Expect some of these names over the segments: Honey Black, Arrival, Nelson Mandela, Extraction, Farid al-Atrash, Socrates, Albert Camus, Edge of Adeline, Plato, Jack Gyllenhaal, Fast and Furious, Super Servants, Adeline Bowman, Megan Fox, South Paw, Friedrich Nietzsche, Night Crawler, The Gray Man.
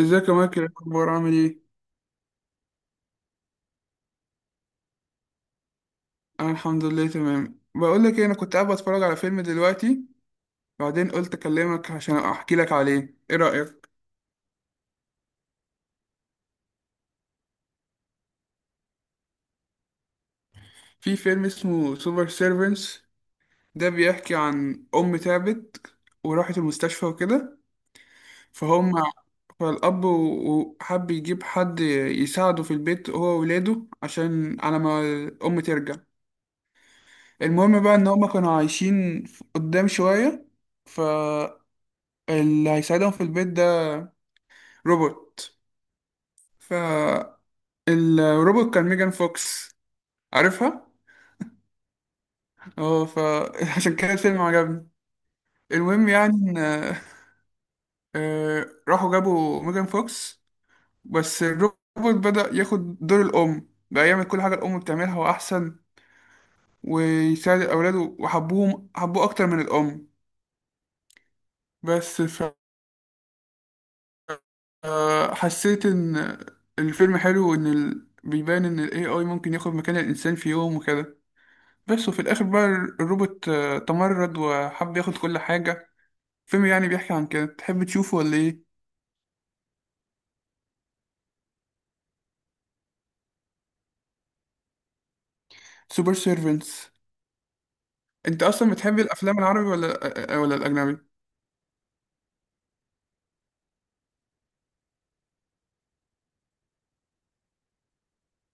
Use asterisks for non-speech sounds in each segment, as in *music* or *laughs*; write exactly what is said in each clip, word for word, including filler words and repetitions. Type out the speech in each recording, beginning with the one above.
ازيك يا مايكل، إيه الاخبار؟ عامل ايه؟ انا الحمد لله تمام. بقول لك ايه، انا كنت قاعد بتفرج على فيلم دلوقتي، بعدين قلت اكلمك عشان احكي لك عليه. ايه رايك في فيلم اسمه سوبر سيرفنس؟ ده بيحكي عن ام تعبت وراحت المستشفى وكده. فهم. فالاب و- وحب يجيب حد يساعده في البيت هو وولاده عشان على ما الام ترجع. المهم بقى ان هم كانوا عايشين قدام شويه. فاللي هيساعدهم في البيت ده روبوت. فالروبوت كان ميجان فوكس. عارفها؟ اه. فعشان *laughs* كده الفيلم عجبني. المهم يعني إن آه، راحوا جابوا ميجان فوكس، بس الروبوت بدأ ياخد دور الأم بقى، يعمل كل حاجة الأم بتعملها وأحسن، ويساعد أولاده وحبوهم، حبوه أكتر من الأم. بس ف آه، حسيت إن الفيلم حلو، وإن ال بيبان إن ال إيه آي ممكن ياخد مكان الإنسان في يوم وكده. بس وفي الآخر بقى الروبوت آه، تمرد وحب ياخد كل حاجة. فيلم يعني بيحكي عن كده، تحب تشوفه ولا إيه؟ سوبر سيرفنتس. أنت أصلا بتحب الأفلام العربي ولا آه، آه، ولا الأجنبي؟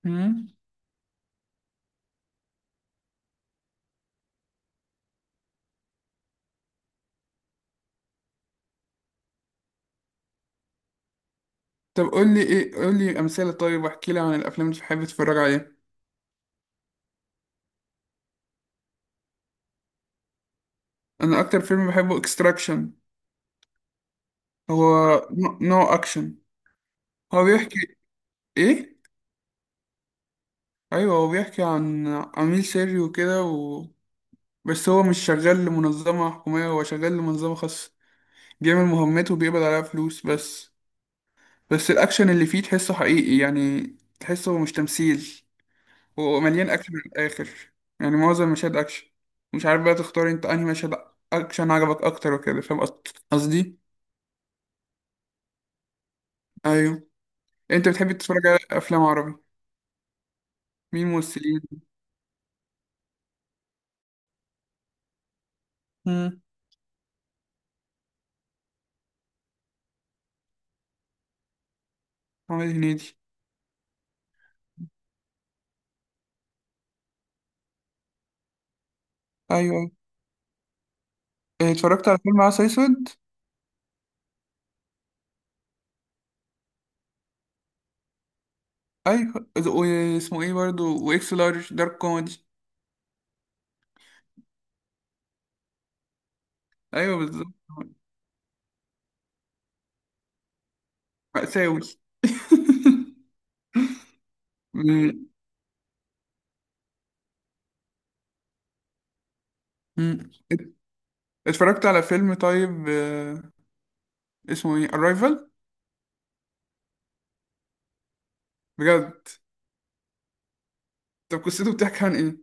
مم. طب قول لي إيه، قول لي أمثلة، طيب واحكي لي عن الأفلام اللي بتحب تتفرج عليها. أنا أكتر فيلم بحبه إكستراكشن. هو نو أكشن. هو بيحكي إيه؟ أيوه، هو بيحكي عن عميل سري وكده، و... بس هو مش شغال لمنظمة حكومية، هو شغال لمنظمة خاصة، بيعمل مهمته وبيقبض عليها فلوس بس. بس الأكشن اللي فيه تحسه حقيقي يعني، تحسه مش تمثيل. هو مليان أكشن من الآخر، يعني معظم مشاهد أكشن. مش عارف بقى تختار أنت أنهي مشهد أكشن عجبك أكتر وكده، فاهم قصد- قصدي؟ أيوه. أنت بتحب تتفرج على أفلام عربي؟ مين ممثلين؟ مم. محمد هنيدي. أيوه، أيوه. إيه، اتفرجت على فيلم عسل أسود؟ أيوه، ز- واسمه إيه برضه؟ وإكس لارج دارك كوميدي. أيوه بالظبط. مأساوي. *laughs* مم. مم. اتفرجت على فيلم طيب آه، اسمه ايه Arrival؟ بجد؟ طب قصته بتحكي عن ايه؟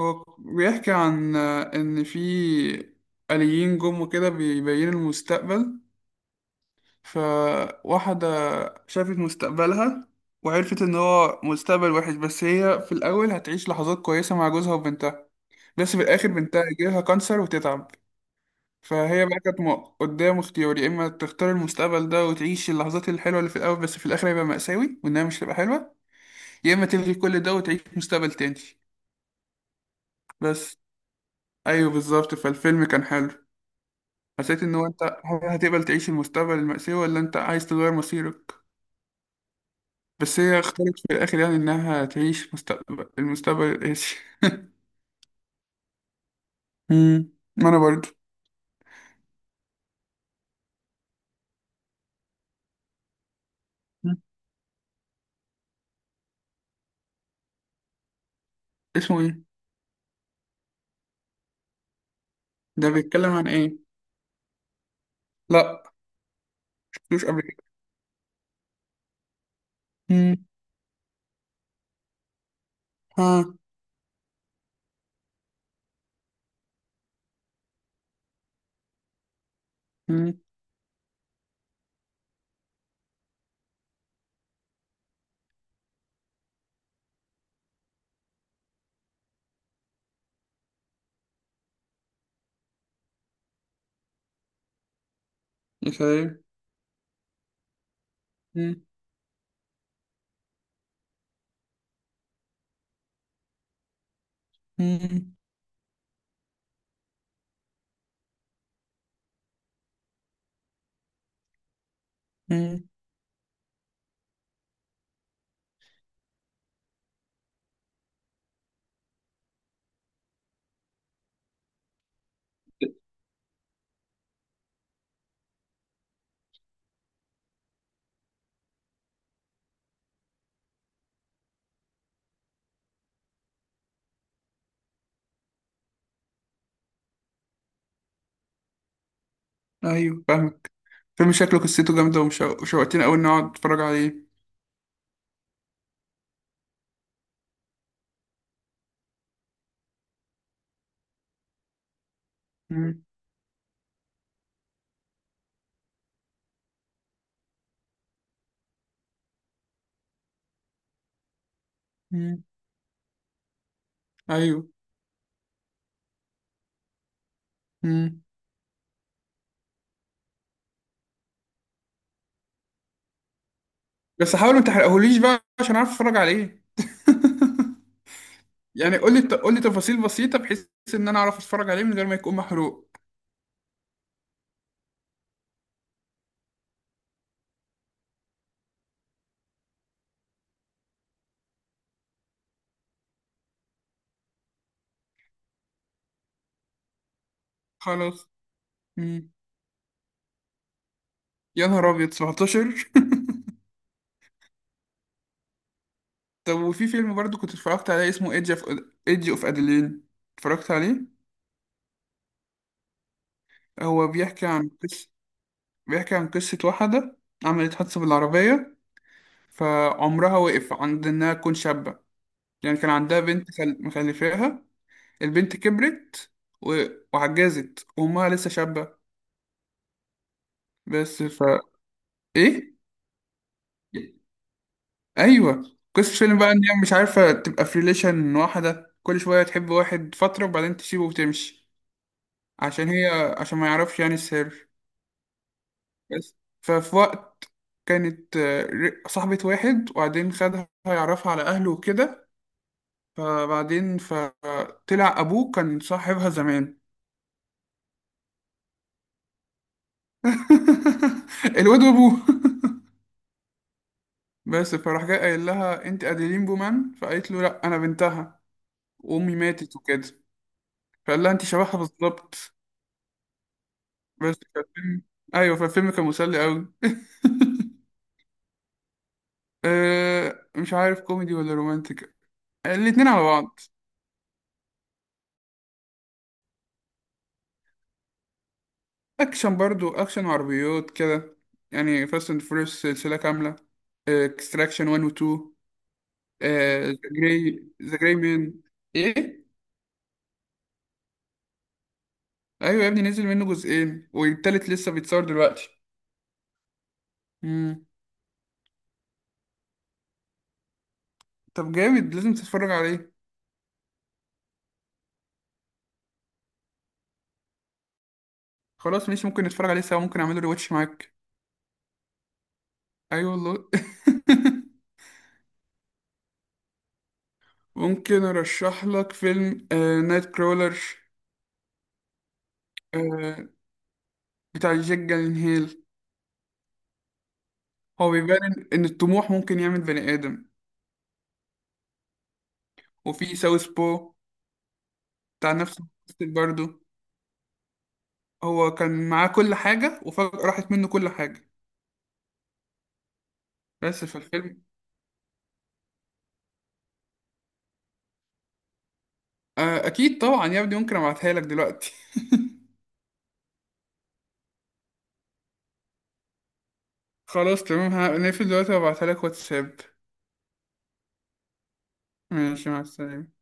هو بيحكي عن آه، ان في آليين جم وكده، بيبين المستقبل. فواحدة شافت مستقبلها وعرفت ان هو مستقبل وحش، بس هي في الاول هتعيش لحظات كويسة مع جوزها وبنتها، بس في الاخر بنتها يجيلها كانسر وتتعب. فهي بقى كانت م- قدام اختيار، يا اما تختار المستقبل ده وتعيش اللحظات الحلوه اللي في الاول، بس في الاخر هيبقى مأساوي وانها مش هتبقى حلوه، يا اما تلغي كل ده وتعيش مستقبل تاني. بس ايوه بالظبط، فالفيلم كان حلو. حسيت ان هو انت هل هتقبل تعيش المستقبل المأساوي ولا انت عايز تغير مصيرك؟ بس هي اختارت في الاخر يعني انها تعيش مستقبل، المستقبل القاسي. امم، ما انا برضه. مم. اسمه ايه؟ ده بيتكلم عن ايه؟ لا. مش قبل كده. مم. ها. مم. يا سلام. مم. مم. مم. ايوه فاهمك. فيلم شكله قصته جامده، وشوقتني قوي اني اقعد اتفرج عليه. مم. مم. ايوه. مم. بس حاول ما تحرقهوليش بقى عشان اعرف اتفرج عليه. *laughs* يعني قول لي، قول لي تفاصيل بسيطه بحيث ان انا اعرف اتفرج عليه من غير ما يكون محروق. خلاص. مم. يا نهار ابيض، سبعتاشر! *laughs* طب وفي فيلم برضو كنت اتفرجت عليه اسمه ايدج اوف، ايدج اوف ادلين، اتفرجت عليه؟ هو بيحكي عن قصه. بيحكي عن قصه واحده عملت حادثه بالعربيه، فعمرها وقف عند إنها تكون شابة. يعني كان عندها بنت خل- مخلفاها. البنت كبرت و... وعجزت وأمها لسه شابة. بس فا إيه؟ أيوه، قصة الفيلم بقى إن هي مش عارفة تبقى في ريليشن واحدة، كل شوية تحب واحد فترة وبعدين تسيبه وتمشي، عشان هي، عشان ما يعرفش يعني السر. بس ففي وقت كانت آه، ر- صاحبة واحد وبعدين خدها يعرفها على أهله وكده، فبعدين ف طلع ابوه كان صاحبها زمان. *laughs* الواد وابوه. بس فراح جاي قايل لها انت اديلين بومان، فقالت له لا انا بنتها وامي ماتت وكده، فقال لها انت شبهها بالظبط. بس فالفيلم، ايوه فالفيلم كان مسلي قوي. *laughs* أه مش عارف كوميدي ولا رومانتك، الاتنين على بعض. اكشن، برضو اكشن وعربيات كده، يعني فاست اند فورس سلسله كامله، اكستراكشن واحد و اتنين، ذا جراي، ذا جراي مان. ايه. ايوه يا ابني نزل منه جزئين والتالت لسه بيتصور دلوقتي. امم. طب جامد لازم تتفرج عليه. خلاص ماشي، ممكن نتفرج عليه سوا، ممكن اعمله ريواتش معاك. ايوه والله. *laughs* ممكن ارشح لك فيلم آه نايت كرولر. آه، بتاع جاك جالنهيل. هو بيبان ان إن الطموح ممكن يعمل بني ادم. وفي ساوث بو بتاع نفس الممثل برضه، هو كان معاه كل حاجه وفجأة راحت منه كل حاجه، بس في الفيلم. آه اكيد طبعا يا ابني، ممكن ابعتها لك دلوقتي. خلاص تمام، هنقفل دلوقتي وابعتلك واتساب. ماشي، مع السلامة.